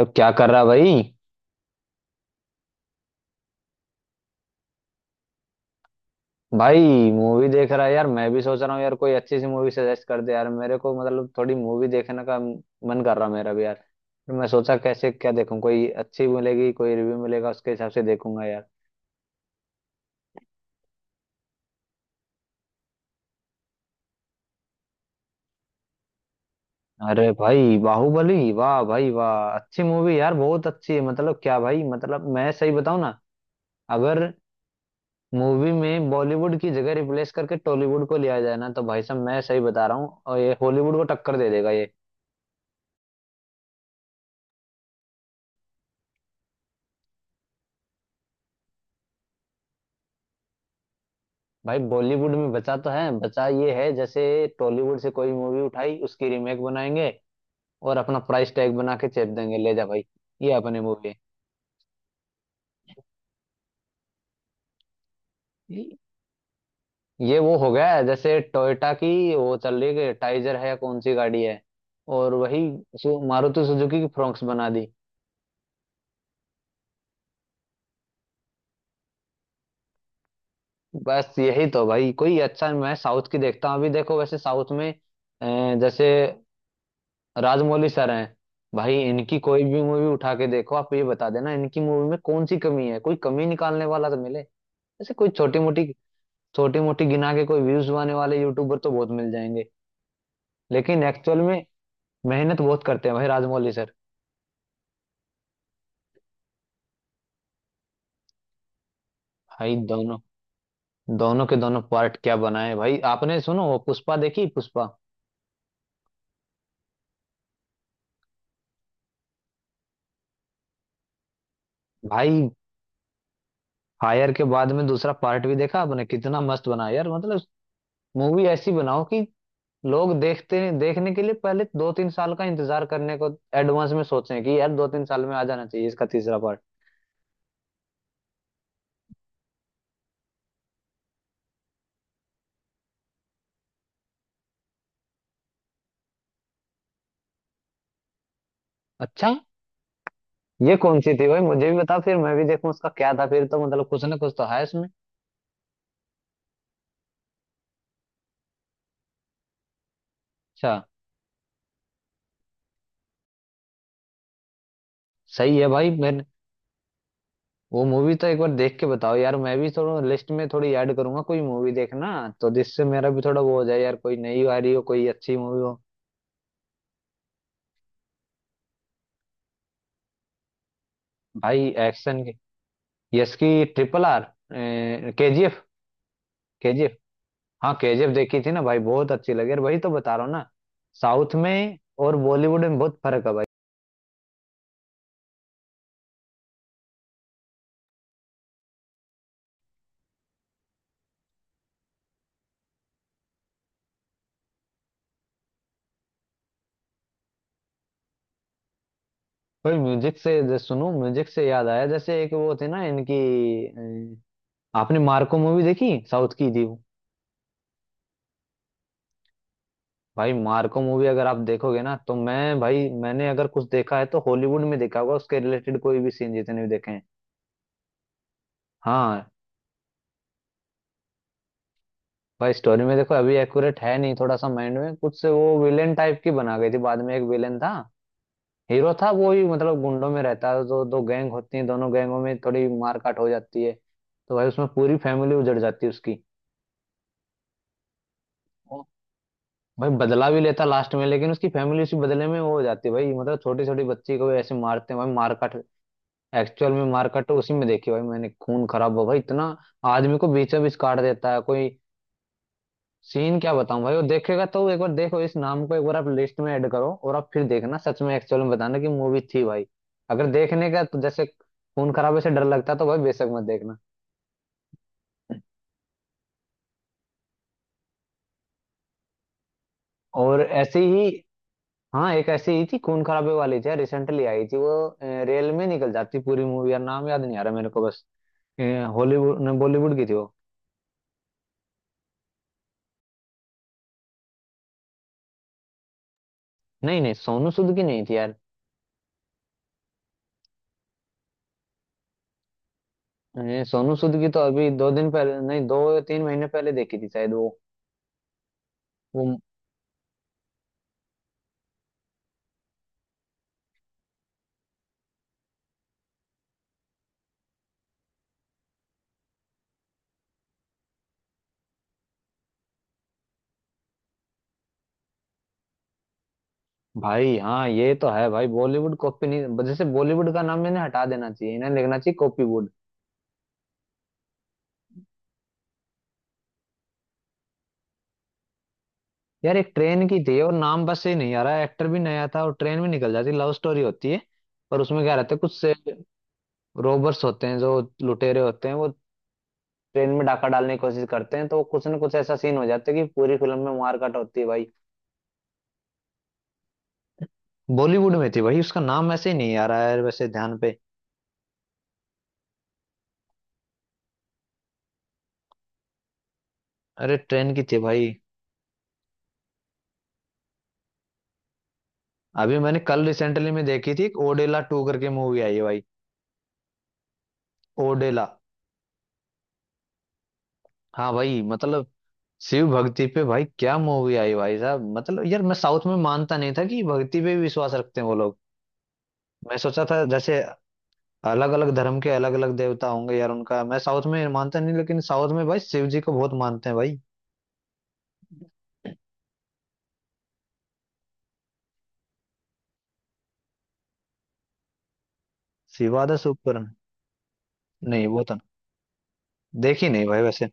अब क्या कर रहा, भाई? भाई, मूवी देख रहा है यार। मैं भी सोच रहा हूँ यार कोई अच्छी सी मूवी सजेस्ट कर दे यार मेरे को। मतलब थोड़ी मूवी देखने का मन कर रहा मेरा भी यार। फिर मैं सोचा कैसे क्या देखूं, कोई अच्छी मिलेगी, कोई रिव्यू मिलेगा उसके हिसाब से देखूंगा यार। अरे भाई, बाहुबली, वाह भाई वाह, अच्छी मूवी यार, बहुत अच्छी है। मतलब क्या भाई, मतलब मैं सही बताऊं ना, अगर मूवी में बॉलीवुड की जगह रिप्लेस करके टॉलीवुड को लिया जाए ना, तो भाई साहब मैं सही बता रहा हूँ, और ये हॉलीवुड को टक्कर दे देगा ये। भाई बॉलीवुड में बचा तो है, बचा ये है, जैसे टॉलीवुड से कोई मूवी उठाई उसकी रीमेक बनाएंगे और अपना प्राइस टैग बना के चेप देंगे, ले जा भाई ये अपने मूवी। ये ये वो हो गया है जैसे टोयोटा की, वो चल रही है टाइजर है या कौन सी गाड़ी है, और वही मारुति सुजुकी की फ्रोंक्स बना दी। बस यही तो भाई, कोई अच्छा मैं साउथ की देखता हूँ। अभी देखो वैसे साउथ में जैसे राजमौली सर हैं। भाई इनकी कोई भी मूवी उठा के देखो, आप ये बता देना इनकी मूवी में कौन सी कमी है, कोई कमी निकालने वाला तो मिले। ऐसे कोई छोटी मोटी, छोटी मोटी गिना के कोई व्यूज आने वाले यूट्यूबर तो बहुत मिल जाएंगे, लेकिन एक्चुअल में मेहनत बहुत करते हैं भाई राजमौली सर। भाई दोनों दोनों के दोनों पार्ट क्या बनाए हैं भाई आपने। सुनो वो पुष्पा देखी, पुष्पा। भाई फायर के बाद में दूसरा पार्ट भी देखा आपने, कितना मस्त बनाया यार। मतलब मूवी ऐसी बनाओ कि लोग देखते हैं, देखने के लिए पहले 2-3 साल का इंतजार करने को एडवांस में सोचें कि यार 2-3 साल में आ जाना चाहिए इसका तीसरा पार्ट। अच्छा, ये कौन सी थी भाई, मुझे भी बता फिर मैं भी देखूं। उसका क्या था फिर, तो मतलब कुछ ना कुछ तो है इसमें। अच्छा, सही है भाई। मैं वो मूवी तो एक बार देख के बताओ यार, मैं भी थोड़ा लिस्ट में थोड़ी ऐड करूंगा कोई मूवी देखना, तो जिससे मेरा भी थोड़ा वो हो जाए यार, कोई नई आ रही हो, कोई अच्छी मूवी हो। भाई एक्शन की, यस की RRR, KGF। हाँ, KGF देखी थी ना भाई, बहुत अच्छी लगी। और वही तो बता रहा हूँ ना, साउथ में और बॉलीवुड में बहुत फर्क है भाई। भाई म्यूजिक से, जैसे सुनो म्यूजिक से याद आया, जैसे एक वो थे ना इनकी अ, आपने मार्को मूवी देखी, साउथ की थी वो। भाई मार्को मूवी अगर आप देखोगे ना, तो मैं भाई, मैंने अगर कुछ देखा है तो हॉलीवुड में देखा होगा उसके रिलेटेड कोई भी सीन, जितने भी देखे हैं। हाँ, भाई स्टोरी में देखो अभी एक्यूरेट है नहीं, थोड़ा सा माइंड में कुछ से वो विलेन टाइप की बना गई थी, बाद में। एक विलेन था, हीरो था वो ही, मतलब गुंडों में रहता है, तो दो गैंग होती है, दोनों गैंगों में थोड़ी मारकाट हो जाती है। तो भाई उसमें पूरी फैमिली उजड़ जाती है उसकी। ओ, भाई बदला भी लेता लास्ट में, लेकिन उसकी फैमिली उसी बदले में वो हो जाती है भाई। मतलब छोटी छोटी बच्ची को भी ऐसे मारते हैं भाई, मारकाट। एक्चुअल में मारकाट तो उसी में देखी भाई मैंने, खून खराब हो भाई इतना। आदमी को बीचों बीच काट देता है कोई। सीन क्या बताऊं भाई, वो देखेगा तो, एक बार देखो इस नाम को, एक बार आप लिस्ट में ऐड करो और आप फिर देखना, सच में एक्चुअल में बताना कि मूवी थी भाई। अगर देखने का, तो जैसे खून खराबे से डर लगता है, तो भाई बेशक मत देखना। और ऐसी ही, हाँ, एक ऐसी ही थी खून खराबे वाली, थी रिसेंटली आई थी वो। रेल में निकल जाती पूरी मूवी यार, नाम याद नहीं आ रहा मेरे को बस। हॉलीवुड ने बॉलीवुड की थी वो। नहीं नहीं, सोनू सूद की नहीं थी यार। सोनू सूद की तो अभी 2 दिन पहले, नहीं दो 3 महीने पहले देखी थी शायद वो भाई, हाँ ये तो है भाई, बॉलीवुड कॉपी नहीं, जैसे बॉलीवुड का नाम इन्हें हटा देना चाहिए, इन्हें लिखना चाहिए कॉपीवुड। यार एक ट्रेन की थी और नाम बस से नहीं आ रहा, एक्टर भी नया था और ट्रेन भी निकल जाती, लव स्टोरी होती है, पर उसमें क्या रहता है, कुछ से रोबर्स होते हैं, जो लुटेरे होते हैं वो ट्रेन में डाका डालने की कोशिश करते हैं, तो कुछ ना कुछ ऐसा सीन हो जाता है कि पूरी फिल्म में मारकाट होती है भाई। बॉलीवुड में थी भाई, उसका नाम ऐसे ही नहीं आ रहा है वैसे ध्यान पे। अरे ट्रेन की थी भाई। अभी मैंने कल रिसेंटली में देखी थी, एक ओडेला 2 करके मूवी आई है भाई। ओडेला, हाँ भाई, मतलब शिव भक्ति पे भाई क्या मूवी आई भाई साहब। मतलब यार मैं साउथ में मानता नहीं था कि भक्ति पे भी विश्वास रखते हैं वो लोग। मैं सोचा था जैसे अलग अलग धर्म के अलग अलग देवता होंगे यार उनका, मैं साउथ में मानता नहीं, लेकिन साउथ में भाई शिव जी को बहुत मानते हैं भाई। शिवादा सुपर, नहीं वो तो देखी नहीं भाई वैसे।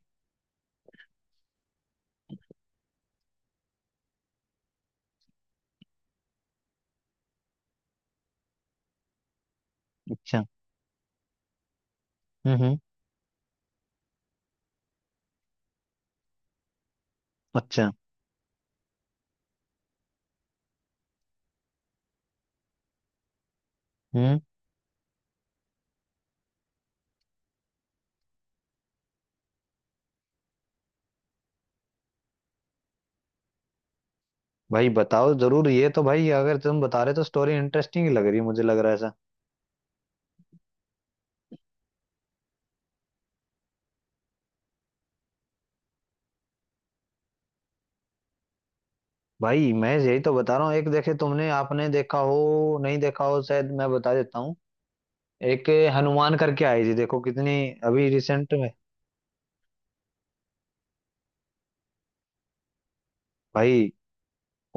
अच्छा। हम्म, हम्म। अच्छा। हम्म। भाई बताओ जरूर, ये तो भाई अगर तुम बता रहे तो स्टोरी इंटरेस्टिंग ही लग रही है, मुझे लग रहा है ऐसा। भाई मैं यही तो बता रहा हूँ, एक देखे तुमने, आपने देखा हो नहीं देखा हो शायद, मैं बता देता हूँ। एक हनुमान करके आई थी, देखो कितनी अभी रिसेंट में। भाई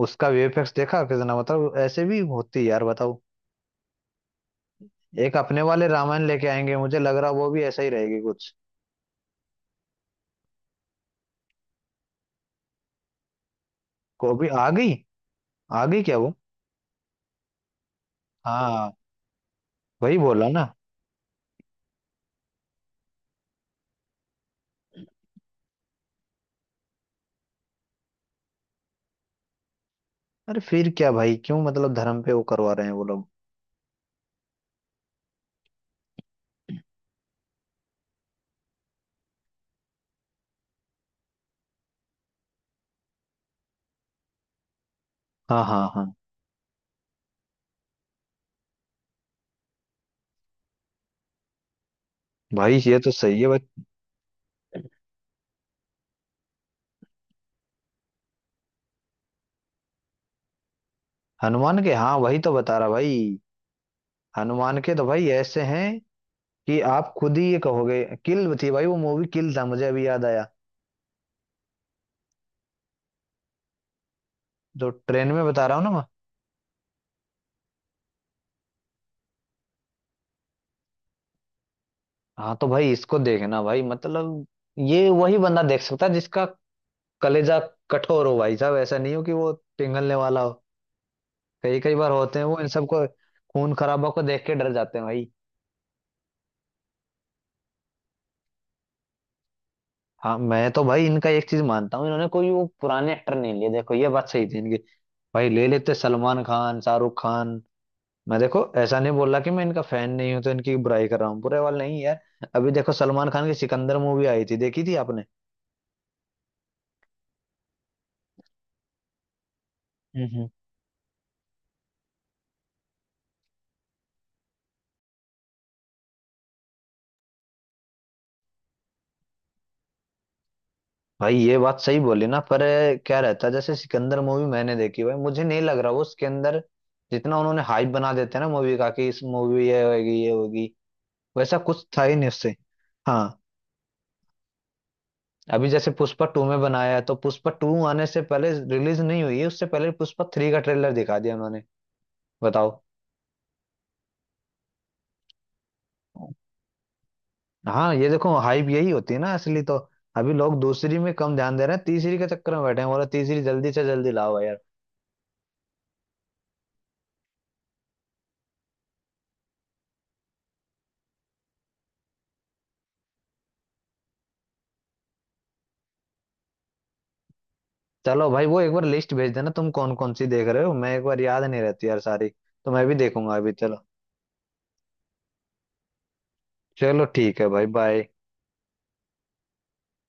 उसका VFX देखा कितना, मतलब ऐसे भी होती है यार बताओ। एक अपने वाले रामायण लेके आएंगे, मुझे लग रहा वो भी ऐसा ही रहेगी कुछ को भी। आ गई, आ गई क्या वो, हाँ वही बोला ना। अरे फिर क्या भाई, क्यों मतलब धर्म पे वो करवा रहे हैं वो लोग। हाँ हाँ हाँ, भाई ये तो सही है भाई। हनुमान के, हाँ वही तो बता रहा भाई। हनुमान के तो भाई ऐसे हैं कि आप खुद ही ये कहोगे, किल थी भाई वो मूवी, किल था, मुझे अभी याद आया, जो ट्रेन में बता रहा हूँ ना मैं। हाँ तो भाई इसको देखना भाई, मतलब ये वही बंदा देख सकता है जिसका कलेजा कठोर हो भाई साहब, ऐसा नहीं हो कि वो पिघलने वाला हो। कई कई बार होते हैं वो, इन सबको खून खराबा को देख के डर जाते हैं भाई। हाँ मैं तो भाई इनका एक चीज मानता हूँ, इन्होंने कोई वो पुराने एक्टर नहीं लिए, देखो ये बात सही थी इनकी। भाई ले लेते सलमान खान, शाहरुख खान। मैं देखो ऐसा नहीं बोल रहा कि मैं इनका फैन नहीं हूं तो इनकी बुराई कर रहा हूँ, बुरे वाले नहीं यार। अभी देखो सलमान खान की सिकंदर मूवी आई थी, देखी थी आपने? हम्म। भाई ये बात सही बोली ना, पर क्या रहता है, जैसे सिकंदर मूवी मैंने देखी भाई, मुझे नहीं लग रहा वो उसके अंदर जितना उन्होंने हाइप बना देते हैं ना मूवी का, कि इस मूवी ये होगी ये होगी, वैसा कुछ था ही नहीं उससे। हाँ, अभी जैसे पुष्पा 2 में बनाया है, तो पुष्पा 2 आने से पहले रिलीज नहीं हुई है, उससे पहले पुष्पा 3 का ट्रेलर दिखा दिया उन्होंने, बताओ। हाँ ये देखो हाइप यही होती है ना असली तो, अभी लोग दूसरी में कम ध्यान दे रहे हैं, तीसरी के चक्कर में बैठे हैं, बोला तीसरी जल्दी से जल्दी लाओ यार। चलो भाई, वो एक बार लिस्ट भेज देना, तुम कौन कौन सी देख रहे हो मैं एक बार, याद नहीं रहती यार सारी। तो मैं भी देखूंगा, अभी चलो। चलो ठीक है भाई, बाय।